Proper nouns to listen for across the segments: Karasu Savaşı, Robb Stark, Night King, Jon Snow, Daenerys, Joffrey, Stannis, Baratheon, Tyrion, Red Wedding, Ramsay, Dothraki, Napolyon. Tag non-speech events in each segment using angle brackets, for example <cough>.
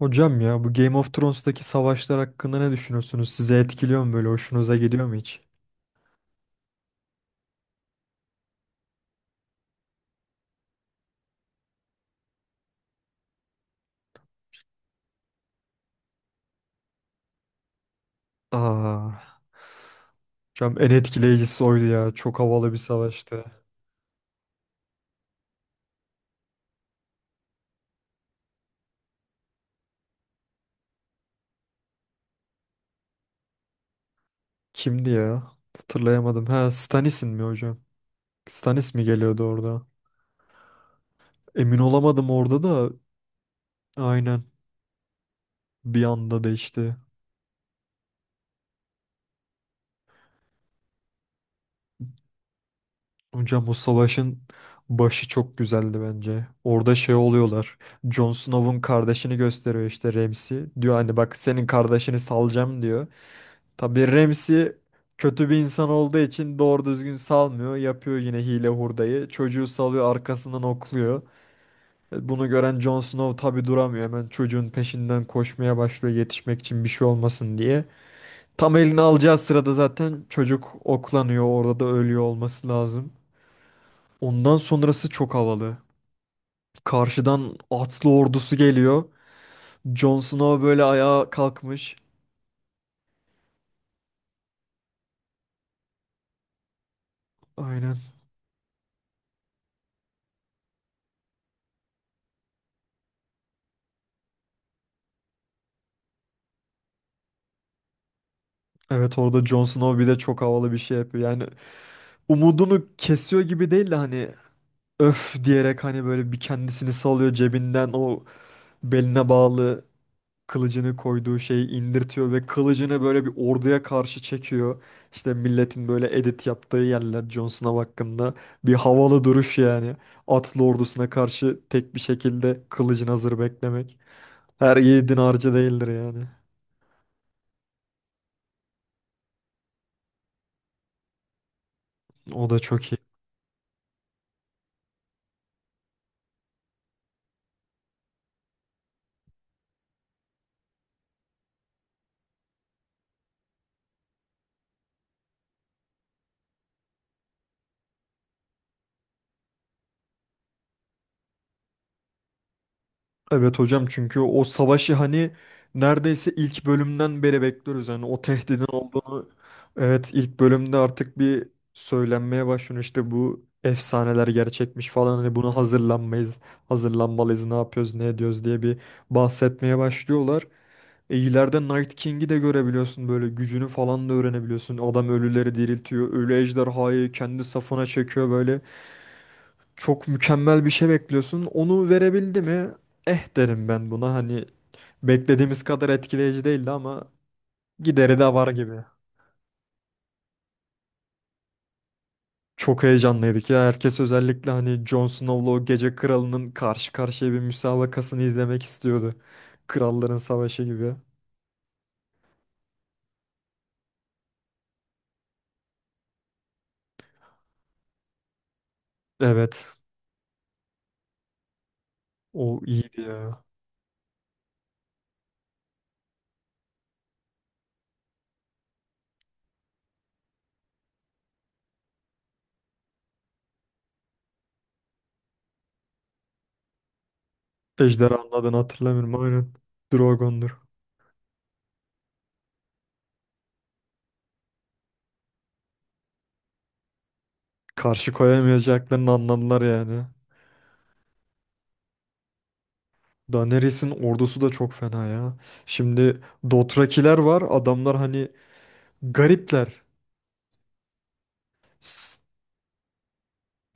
Hocam ya bu Game of Thrones'taki savaşlar hakkında ne düşünüyorsunuz? Sizi etkiliyor mu böyle? Hoşunuza gidiyor mu hiç? Aa, hocam en etkileyicisi oydu ya. Çok havalı bir savaştı. Kimdi ya? Hatırlayamadım. Ha Stannis'in mi hocam? Stannis mi geliyordu orada? Emin olamadım orada da aynen, bir anda değişti. Hocam o savaşın başı çok güzeldi bence. Orada şey oluyorlar. Jon Snow'un kardeşini gösteriyor işte Ramsay. Diyor hani bak senin kardeşini salacağım diyor. Tabii Ramsey kötü bir insan olduğu için doğru düzgün salmıyor. Yapıyor yine hile hurdayı. Çocuğu salıyor arkasından okluyor. Bunu gören Jon Snow tabii duramıyor. Hemen çocuğun peşinden koşmaya başlıyor yetişmek için bir şey olmasın diye. Tam elini alacağı sırada zaten çocuk oklanıyor. Orada da ölüyor olması lazım. Ondan sonrası çok havalı. Karşıdan atlı ordusu geliyor. Jon Snow böyle ayağa kalkmış. Aynen. Evet, orada Jon Snow bir de çok havalı bir şey yapıyor. Yani umudunu kesiyor gibi değil de hani öf diyerek hani böyle bir kendisini salıyor cebinden o beline bağlı kılıcını koyduğu şeyi indirtiyor ve kılıcını böyle bir orduya karşı çekiyor. İşte milletin böyle edit yaptığı yerler Jon Snow hakkında, bir havalı duruş yani. Atlı ordusuna karşı tek bir şekilde kılıcın hazır beklemek. Her yiğidin harcı değildir yani. O da çok iyi. Evet hocam, çünkü o savaşı hani neredeyse ilk bölümden beri bekliyoruz. Yani o tehdidin olduğunu, evet, ilk bölümde artık bir söylenmeye başlıyor. İşte bu efsaneler gerçekmiş falan hani buna hazırlanmayız, hazırlanmalıyız, ne yapıyoruz, ne ediyoruz diye bir bahsetmeye başlıyorlar. E ileride Night King'i de görebiliyorsun, böyle gücünü falan da öğrenebiliyorsun. Adam ölüleri diriltiyor, ölü ejderhayı kendi safına çekiyor, böyle çok mükemmel bir şey bekliyorsun. Onu verebildi mi? Eh derim ben buna. Hani beklediğimiz kadar etkileyici değildi ama gideri de var gibi. Çok heyecanlıydık ya. Herkes özellikle hani Jon Snow'la o Gece Kralı'nın karşı karşıya bir müsabakasını izlemek istiyordu. Kralların Savaşı gibi. Evet. O iyiydi ya. Ejderhanın adını hatırlamıyorum. Aynen. Drogon'dur. Karşı koyamayacaklarını anladılar yani. Daenerys'in ordusu da çok fena ya. Şimdi Dothrakiler var. Adamlar hani garipler. S-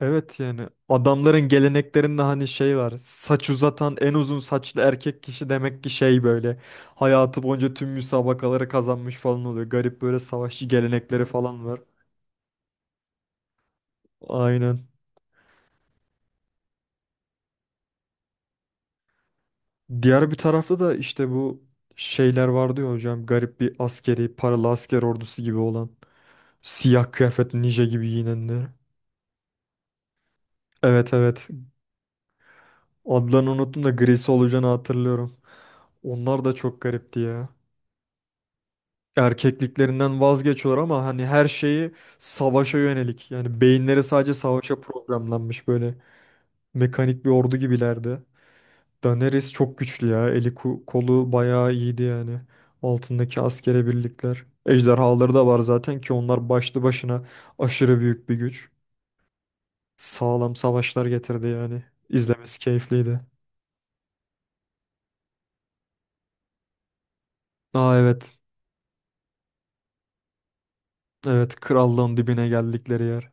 Evet, yani adamların geleneklerinde hani şey var. Saç uzatan en uzun saçlı erkek kişi demek ki şey böyle. Hayatı boyunca tüm müsabakaları kazanmış falan oluyor. Garip böyle savaşçı gelenekleri falan var. Aynen. Diğer bir tarafta da işte bu şeyler vardı ya hocam. Garip bir askeri, paralı asker ordusu gibi olan. Siyah kıyafetli ninja gibi giyinenler. Evet, evet. Adlarını unuttum da grisi olacağını hatırlıyorum. Onlar da çok garipti ya. Erkekliklerinden vazgeçiyorlar ama hani her şeyi savaşa yönelik. Yani beyinleri sadece savaşa programlanmış, böyle mekanik bir ordu gibilerdi. Daenerys çok güçlü ya. Eli ku- kolu bayağı iyiydi yani. Altındaki askere birlikler. Ejderhaları da var zaten ki onlar başlı başına aşırı büyük bir güç. Sağlam savaşlar getirdi yani. İzlemesi keyifliydi. Aa evet. Evet, krallığın dibine geldikleri yer.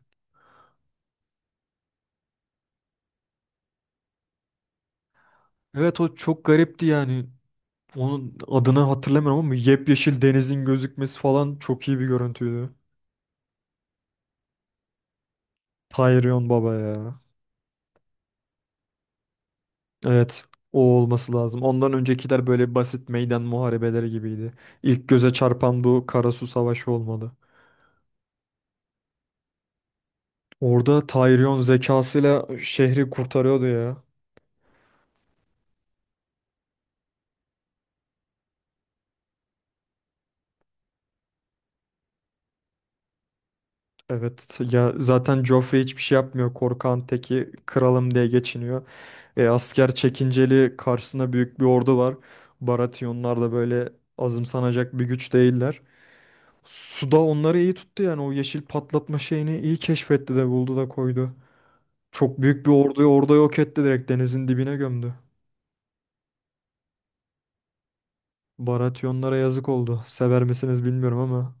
Evet o çok garipti yani. Onun adını hatırlamıyorum ama yepyeşil denizin gözükmesi falan çok iyi bir görüntüydü. Tyrion Baba ya. Evet, o olması lazım. Ondan öncekiler böyle basit meydan muharebeleri gibiydi. İlk göze çarpan bu Karasu Savaşı olmalı. Orada Tyrion zekasıyla şehri kurtarıyordu ya. Evet ya, zaten Joffrey hiçbir şey yapmıyor. Korkan teki kralım diye geçiniyor. Asker çekinceli karşısına büyük bir ordu var. Baratyonlar da böyle azımsanacak bir güç değiller. Suda onları iyi tuttu yani, o yeşil patlatma şeyini iyi keşfetti de buldu da koydu. Çok büyük bir orduyu orada yok etti, direkt denizin dibine gömdü. Baratyonlara yazık oldu. Sever misiniz bilmiyorum ama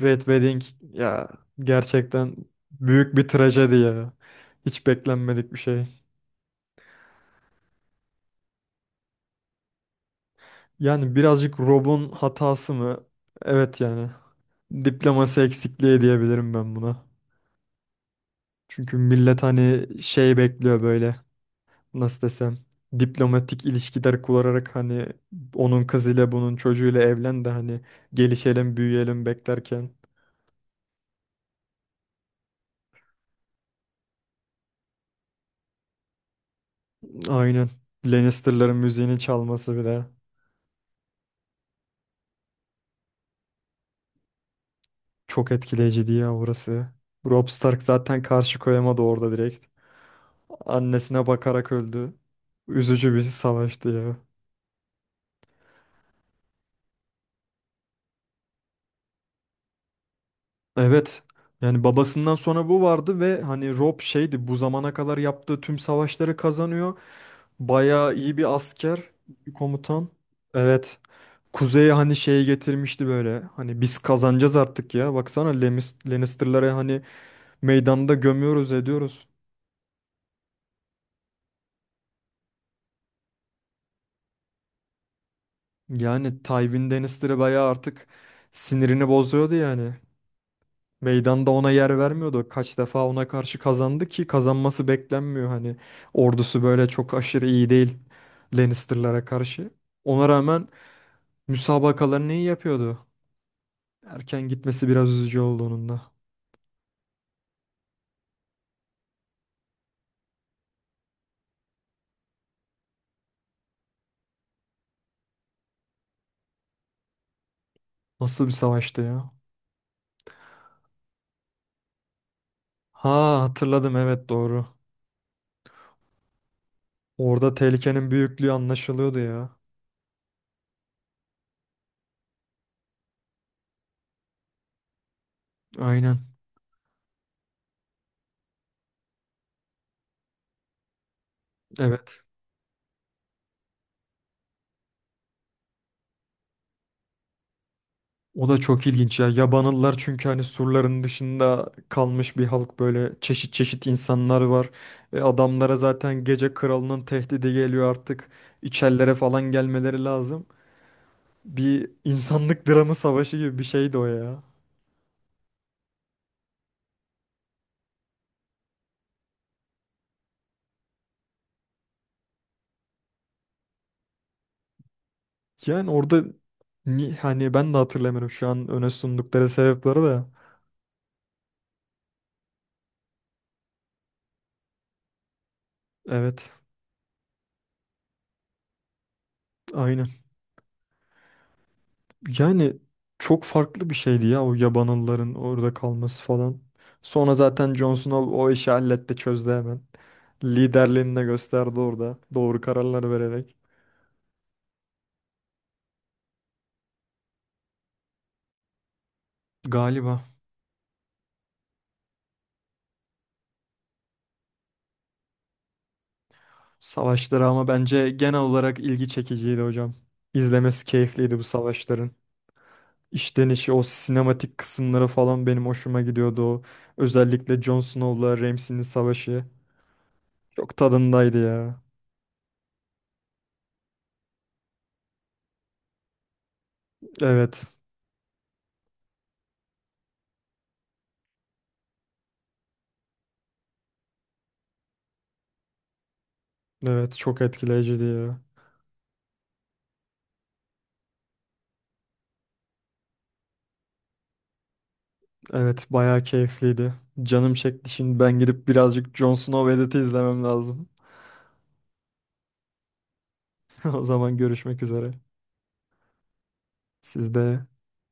Red Wedding ya, gerçekten büyük bir trajedi ya. Hiç beklenmedik bir şey. Yani birazcık Rob'un hatası mı? Evet yani. Diploması eksikliği diyebilirim ben buna. Çünkü millet hani şey bekliyor böyle, nasıl desem, diplomatik ilişkiler kurarak hani onun kızıyla bunun çocuğuyla evlen de hani gelişelim büyüyelim beklerken, aynen, Lannister'ların müziğini çalması bile çok etkileyiciydi ya orası. Robb Stark zaten karşı koyamadı orada direkt. Annesine bakarak öldü. Üzücü bir savaştı ya. Evet. Yani babasından sonra bu vardı ve hani Rob şeydi, bu zamana kadar yaptığı tüm savaşları kazanıyor. Bayağı iyi bir asker, bir komutan. Evet. Kuzey'e hani şeyi getirmişti böyle. Hani biz kazanacağız artık ya. Baksana Lemis- Lannister'ları hani meydanda gömüyoruz ediyoruz. Yani Tywin Lannister'ı bayağı artık sinirini bozuyordu yani. Meydanda ona yer vermiyordu. Kaç defa ona karşı kazandı ki, kazanması beklenmiyor hani. Ordusu böyle çok aşırı iyi değil Lannister'lara karşı. Ona rağmen müsabakalarını iyi yapıyordu. Erken gitmesi biraz üzücü oldu onun da. Nasıl bir savaştı ya? Ha hatırladım, evet doğru. Orada tehlikenin büyüklüğü anlaşılıyordu ya. Aynen evet. O da çok ilginç ya. Yabanıllar çünkü hani surların dışında kalmış bir halk, böyle çeşit çeşit insanlar var. Ve adamlara zaten gece kralının tehdidi geliyor artık. İçerilere falan gelmeleri lazım. Bir insanlık <laughs> dramı savaşı gibi bir şeydi o ya. Yani orada ni- hani ben de hatırlamıyorum şu an öne sundukları sebepleri de. Evet. Aynen. Yani çok farklı bir şeydi ya o yabanılların orada kalması falan. Sonra zaten Jon Snow o işi halletti, çözdü hemen. Liderliğini de gösterdi orada doğru kararlar vererek. Galiba savaşları ama bence genel olarak ilgi çekiciydi hocam. İzlemesi keyifliydi bu savaşların. İşlenişi o sinematik kısımları falan benim hoşuma gidiyordu o. Özellikle Jon Snow'la Ramsay'nin savaşı. Çok tadındaydı ya. Evet. Evet çok etkileyiciydi ya. Evet bayağı keyifliydi. Canım çekti, şimdi ben gidip birazcık Jon Snow ve Edith'i izlemem lazım. <laughs> O zaman görüşmek üzere. Siz de.